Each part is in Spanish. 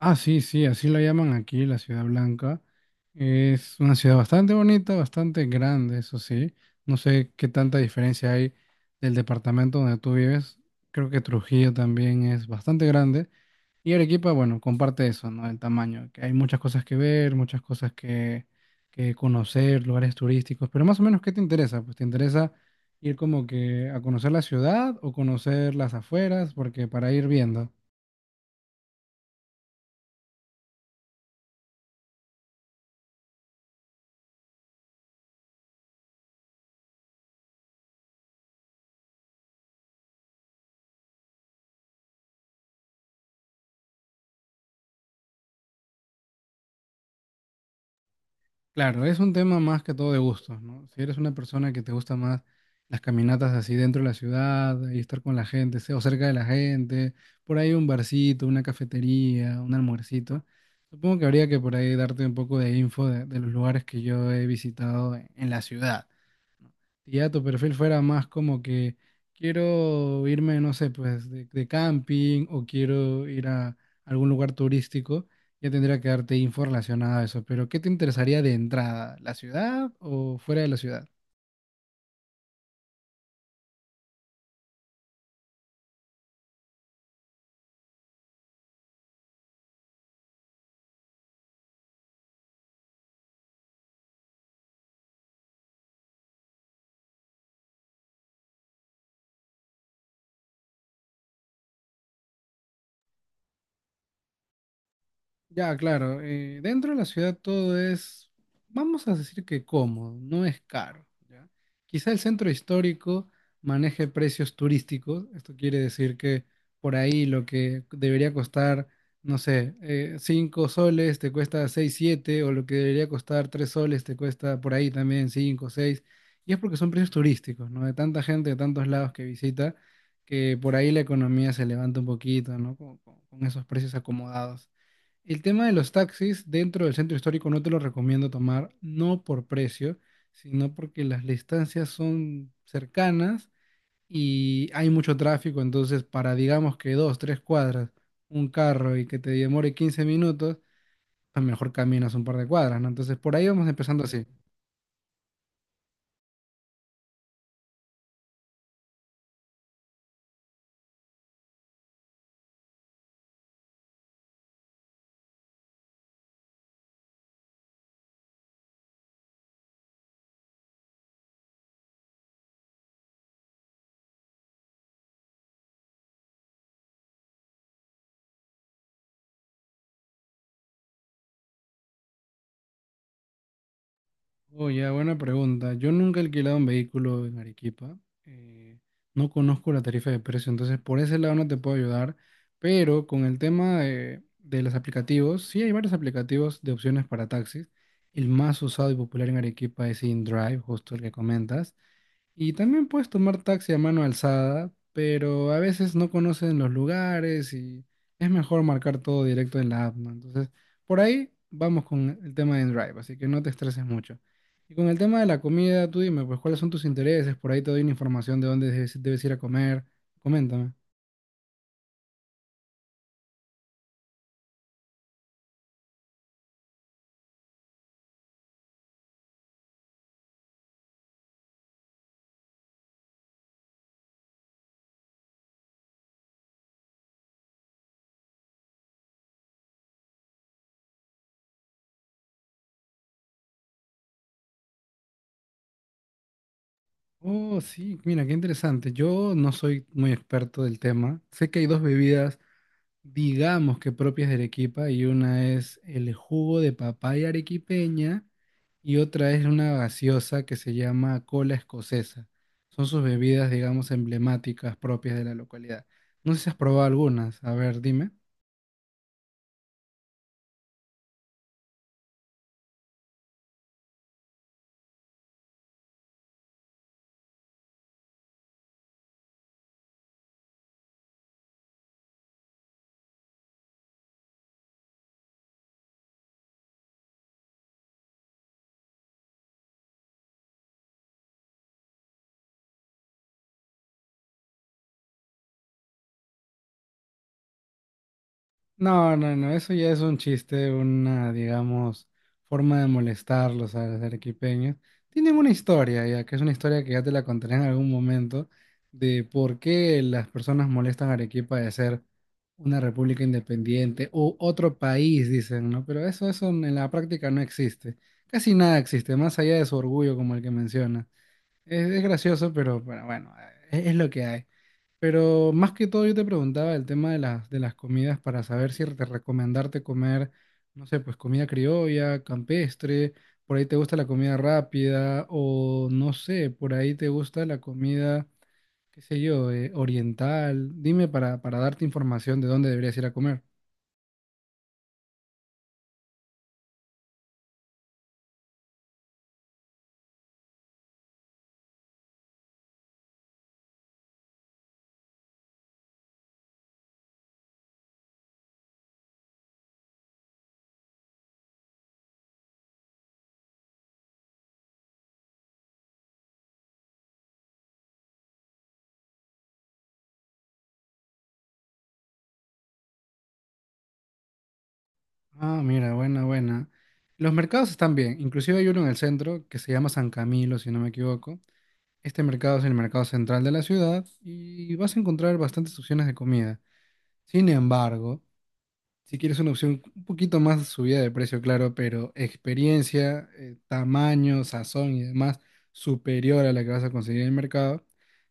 Ah, sí, sí, así la llaman aquí, la Ciudad Blanca. Es una ciudad bastante bonita, bastante grande, eso sí. No sé qué tanta diferencia hay del departamento donde tú vives. Creo que Trujillo también es bastante grande. Y Arequipa, bueno, comparte eso, ¿no? El tamaño, que hay muchas cosas que ver, muchas cosas que conocer, lugares turísticos. Pero más o menos, ¿qué te interesa? Pues te interesa ir como que a conocer la ciudad o conocer las afueras, porque para ir viendo. Claro, es un tema más que todo de gustos, ¿no? Si eres una persona que te gusta más las caminatas así dentro de la ciudad y estar con la gente, o cerca de la gente, por ahí un barcito, una cafetería, un almuercito, supongo que habría que por ahí darte un poco de info de los lugares que yo he visitado en la ciudad si ya tu perfil fuera más como que quiero irme, no sé, pues de camping o quiero ir a algún lugar turístico, ya tendría que darte info relacionada a eso. Pero ¿qué te interesaría de entrada? ¿La ciudad o fuera de la ciudad? Ya, claro. Dentro de la ciudad todo es, vamos a decir que cómodo, no es caro, ¿ya? Quizá el centro histórico maneje precios turísticos. Esto quiere decir que por ahí lo que debería costar, no sé, 5 soles te cuesta 6, 7 o lo que debería costar 3 soles te cuesta por ahí también 5, seis. Y es porque son precios turísticos, ¿no? De tanta gente, de tantos lados que visita, que por ahí la economía se levanta un poquito, ¿no? Con esos precios acomodados. El tema de los taxis dentro del centro histórico no te lo recomiendo tomar, no por precio, sino porque las distancias son cercanas y hay mucho tráfico, entonces para digamos que dos, tres cuadras, un carro y que te demore 15 minutos, pues mejor caminas un par de cuadras, ¿no? Entonces por ahí vamos empezando así. Oh, ya, buena pregunta. Yo nunca he alquilado un vehículo en Arequipa. eh, no conozco la tarifa de precio, entonces por ese lado no te puedo ayudar. Pero con el tema de los aplicativos, sí hay varios aplicativos de opciones para taxis. El más usado y popular en Arequipa es InDrive, justo el que comentas. Y también puedes tomar taxi a mano alzada, pero a veces no conocen los lugares y es mejor marcar todo directo en la app, ¿no? Entonces, por ahí vamos con el tema de Drive, así que no te estreses mucho. Y con el tema de la comida, tú dime, pues, ¿cuáles son tus intereses? Por ahí te doy una información de dónde debes ir a comer. Coméntame. Oh, sí, mira, qué interesante. Yo no soy muy experto del tema. Sé que hay dos bebidas, digamos que propias de Arequipa, y una es el jugo de papaya arequipeña. Y otra es una gaseosa que se llama cola escocesa. Son sus bebidas, digamos, emblemáticas propias de la localidad. No sé si has probado algunas. A ver, dime. No, no, no, eso ya es un chiste, una, digamos, forma de molestarlos a los arequipeños. Tienen una historia, ya que es una historia que ya te la contaré en algún momento, de por qué las personas molestan a Arequipa de ser una república independiente o otro país, dicen, ¿no? Pero eso en la práctica no existe. Casi nada existe, más allá de su orgullo como el que menciona. Es gracioso, pero bueno, es lo que hay. Pero más que todo yo te preguntaba el tema de las comidas para saber si te recomendarte comer, no sé, pues comida criolla, campestre, por ahí te gusta la comida rápida o no sé, por ahí te gusta la comida, qué sé yo, oriental. Dime para darte información de dónde deberías ir a comer. Ah, mira, buena, buena. Los mercados están bien, inclusive hay uno en el centro que se llama San Camilo, si no me equivoco. Este mercado es el mercado central de la ciudad y vas a encontrar bastantes opciones de comida. Sin embargo, si quieres una opción un poquito más de subida de precio, claro, pero experiencia, tamaño, sazón y demás superior a la que vas a conseguir en el mercado,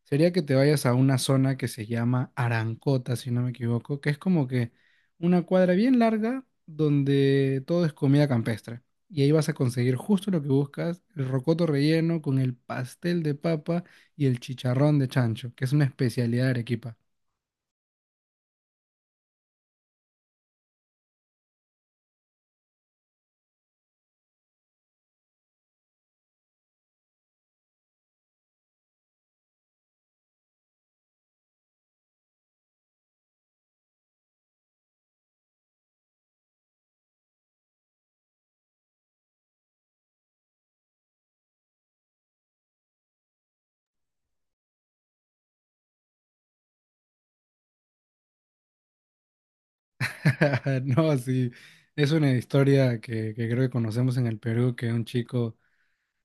sería que te vayas a una zona que se llama Arancota, si no me equivoco, que es como que una cuadra bien larga donde todo es comida campestre. Y ahí vas a conseguir justo lo que buscas, el rocoto relleno con el pastel de papa y el chicharrón de chancho, que es una especialidad de Arequipa. No, sí, es una historia que creo que conocemos en el Perú, que un chico,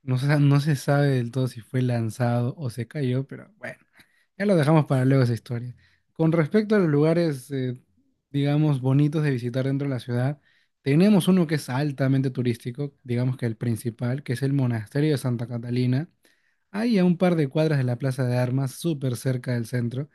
no se sabe del todo si fue lanzado o se cayó, pero bueno, ya lo dejamos para luego esa historia. Con respecto a los lugares, digamos, bonitos de visitar dentro de la ciudad, tenemos uno que es altamente turístico, digamos que el principal, que es el Monasterio de Santa Catalina, ahí a un par de cuadras de la Plaza de Armas, súper cerca del centro.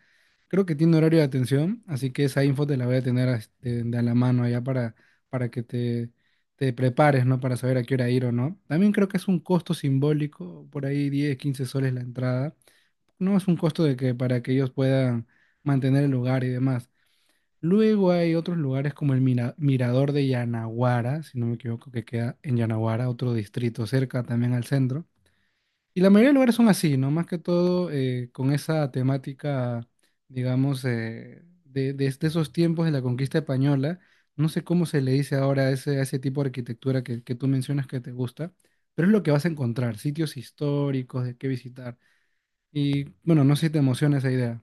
Creo que tiene horario de atención, así que esa info te la voy a tener de a la mano allá para que te prepares, ¿no? Para saber a qué hora ir o no. También creo que es un costo simbólico, por ahí 10, 15 soles la entrada. No es un costo de que para que ellos puedan mantener el lugar y demás. Luego hay otros lugares como el Mirador de Yanaguara, si no me equivoco, que queda en Yanaguara, otro distrito cerca también al centro y la mayoría de lugares son así, ¿no? Más que todo con esa temática, digamos, de esos tiempos de la conquista española. No sé cómo se le dice ahora a ese tipo de arquitectura que tú mencionas que te gusta, pero es lo que vas a encontrar, sitios históricos de qué visitar. Y bueno, no sé si te emociona esa idea.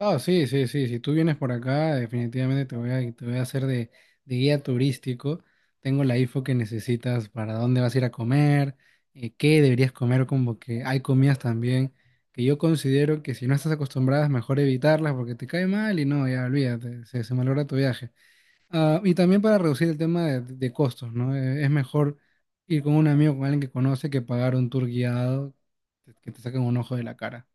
Ah, sí, sí, sí. Si tú vienes por acá, definitivamente te voy a hacer de guía turístico. Tengo la info que necesitas para dónde vas a ir a comer, qué deberías comer, como que hay comidas también que yo considero que si no estás acostumbrada es mejor evitarlas porque te cae mal y no, ya olvídate, se malogra tu viaje. Ah, y también para reducir el tema de costos, ¿no? Es mejor ir con un amigo, con alguien que conoce, que pagar un tour guiado que te saquen un ojo de la cara.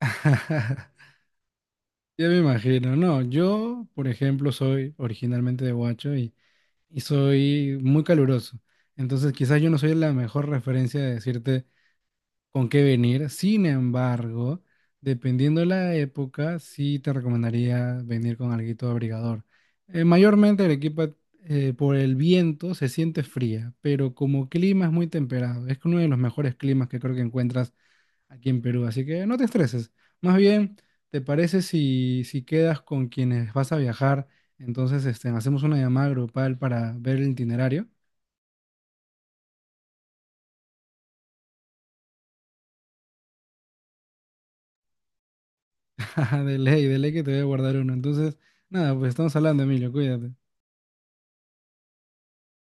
Ya me imagino, no, yo, por ejemplo, soy originalmente de Huacho y soy muy caluroso. Entonces, quizás yo no soy la mejor referencia de decirte con qué venir. Sin embargo, dependiendo de la época, sí te recomendaría venir con alguito abrigador. Mayormente Arequipa, por el viento, se siente fría, pero como clima es muy temperado. Es uno de los mejores climas que creo que encuentras aquí en Perú, así que no te estreses. Más bien, ¿te parece si quedas con quienes vas a viajar? Entonces, hacemos una llamada grupal para ver el itinerario. De ley que te voy a guardar uno. Entonces, nada, pues estamos hablando, Emilio, cuídate.